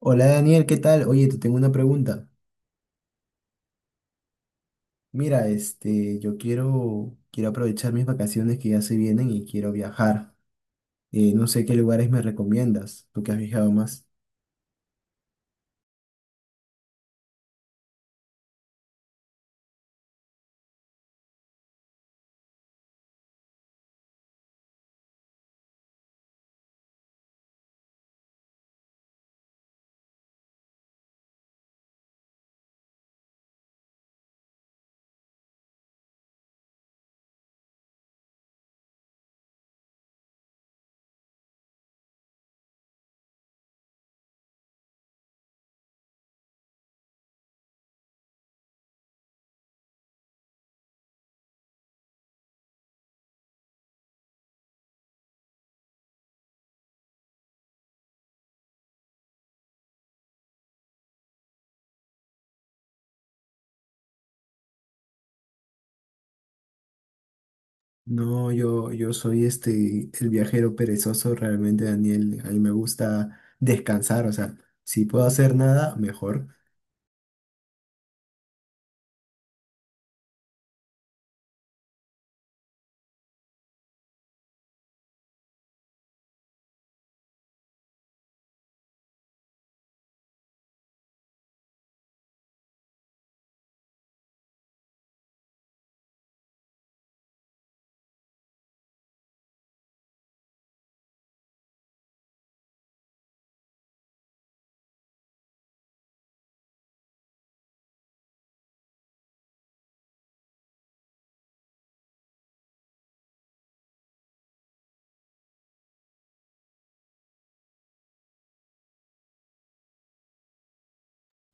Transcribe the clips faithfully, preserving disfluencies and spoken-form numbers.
Hola Daniel, ¿qué tal? Oye, te tengo una pregunta. Mira, este, yo quiero, quiero aprovechar mis vacaciones que ya se vienen y quiero viajar. Eh, no sé qué lugares me recomiendas, tú que has viajado más. No, yo, yo soy este, el viajero perezoso realmente, Daniel. A mí me gusta descansar, o sea, si puedo hacer nada, mejor.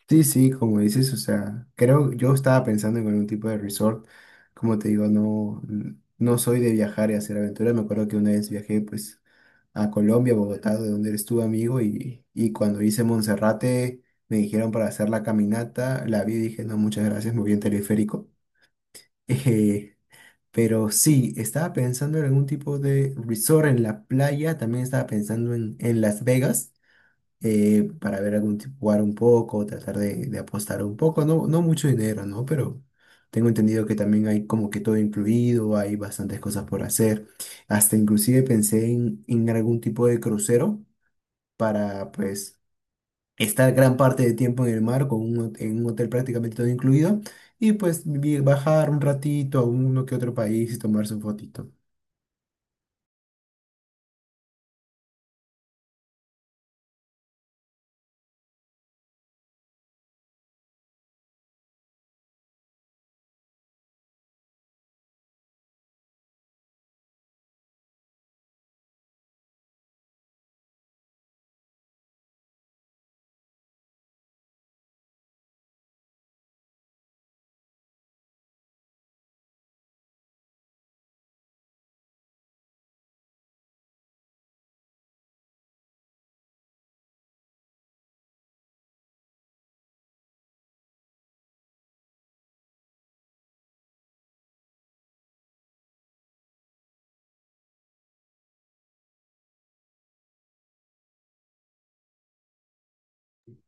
Sí, sí, como dices, o sea, creo, yo estaba pensando en algún tipo de resort. Como te digo, no, n- no soy de viajar y hacer aventuras. Me acuerdo que una vez viajé, pues a Colombia, Bogotá, de donde eres tú, amigo, y, y cuando hice Monserrate, me dijeron para hacer la caminata, la vi y dije, no, muchas gracias, me voy en teleférico. Eh, pero sí, estaba pensando en algún tipo de resort en la playa, también estaba pensando en, en Las Vegas, eh, para ver algún tipo, jugar un poco, tratar de, de apostar un poco, no, no mucho dinero, ¿no? Pero tengo entendido que también hay como que todo incluido, hay bastantes cosas por hacer. Hasta inclusive pensé en, en algún tipo de crucero para pues estar gran parte del tiempo en el mar con un, hot- en un hotel prácticamente todo incluido y pues vi- bajar un ratito a uno que otro país y tomarse un fotito.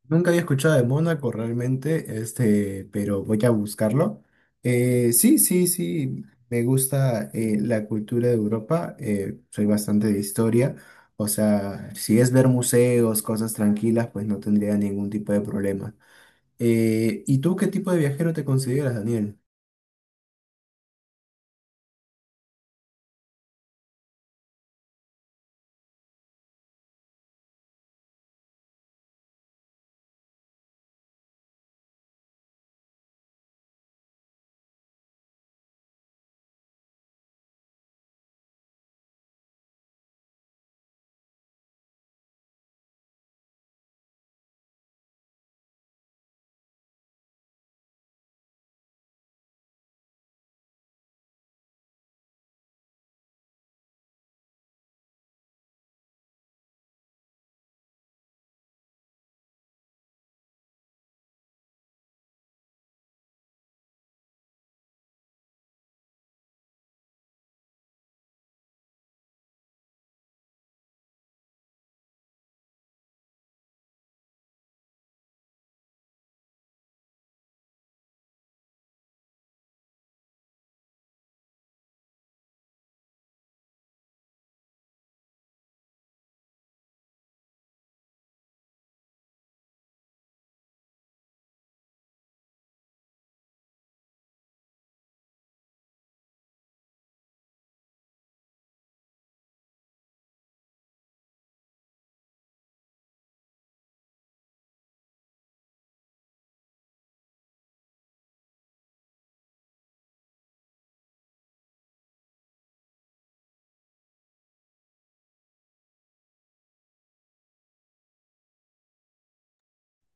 Nunca había escuchado de Mónaco realmente, este, pero voy a buscarlo. Eh, sí, sí, sí, me gusta eh, la cultura de Europa, eh, soy bastante de historia. O sea, si es ver museos, cosas tranquilas, pues no tendría ningún tipo de problema. Eh, ¿y tú qué tipo de viajero te consideras, Daniel?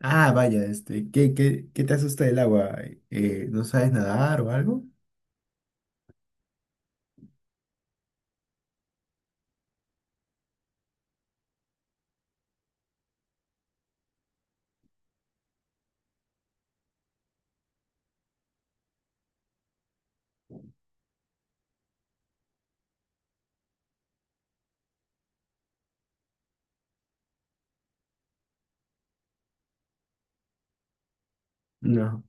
Ah, vaya, este, ¿qué, qué, qué te asusta del agua? Eh, ¿no sabes nadar o algo? No.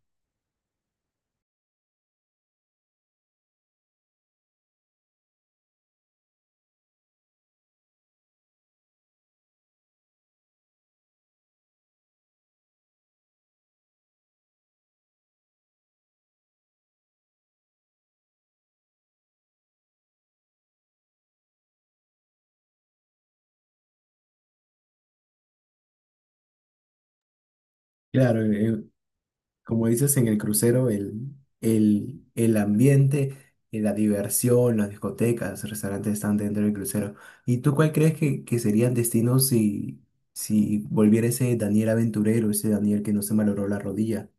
Claro, eh, como dices en el crucero, el, el, el ambiente, eh, la diversión, las discotecas, restaurantes están dentro del crucero. ¿Y tú cuál crees que, que serían destinos si, si volviera ese Daniel aventurero, ese Daniel que no se malogró la rodilla?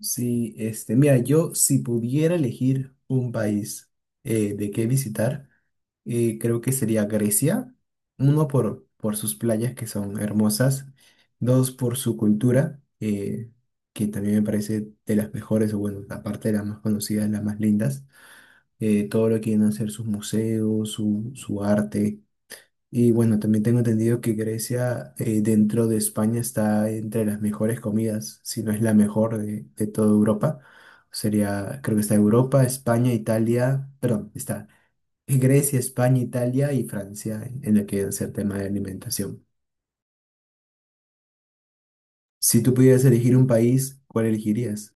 Sí, este, mira, yo si pudiera elegir un país eh, de qué visitar, eh, creo que sería Grecia. Uno por, por sus playas que son hermosas, dos por su cultura, eh, que también me parece de las mejores, o bueno, aparte de las más conocidas, las más lindas. Eh, todo lo que vienen a ser sus museos, su, su arte. Y bueno, también tengo entendido que Grecia, eh, dentro de España, está entre las mejores comidas, si no es la mejor de, de toda Europa. Sería, creo que está Europa, España, Italia, perdón, está Grecia, España, Italia y Francia en, en lo que es el tema de alimentación. Si tú pudieras elegir un país, ¿cuál elegirías?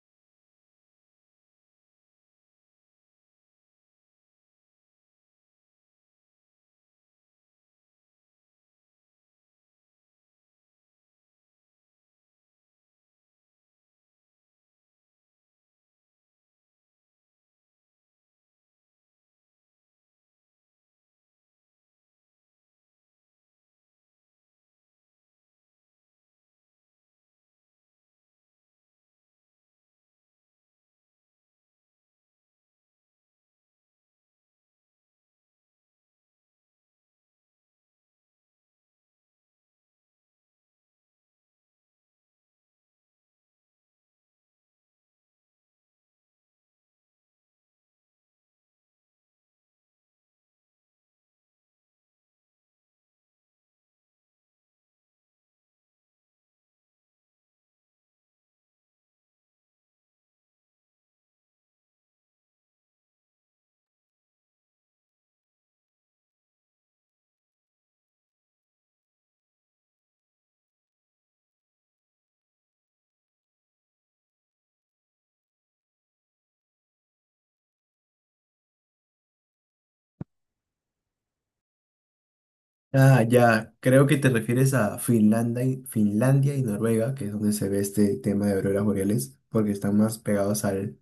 Ah, ya, creo que te refieres a Finlandia y, Finlandia y Noruega, que es donde se ve este tema de auroras boreales, porque están más pegados al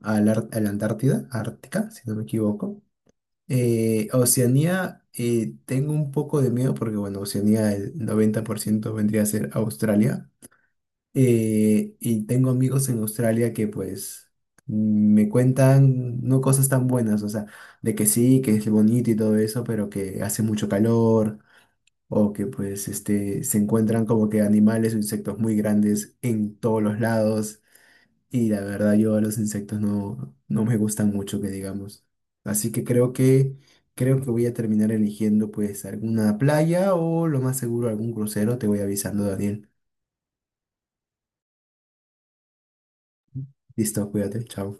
a la, Ar- a la Antártida, Ártica, si no me equivoco. Eh, Oceanía, eh, tengo un poco de miedo porque, bueno, Oceanía el noventa por ciento vendría a ser Australia. Eh, y tengo amigos en Australia que, pues, me cuentan no cosas tan buenas, o sea, de que sí, que es bonito y todo eso, pero que hace mucho calor. O que pues este, se encuentran como que animales o insectos muy grandes en todos los lados. Y la verdad, yo los insectos no, no me gustan mucho, que digamos. Así que creo que creo que voy a terminar eligiendo pues alguna playa o lo más seguro algún crucero. Te voy avisando, Daniel. Listo, cuídate, chao.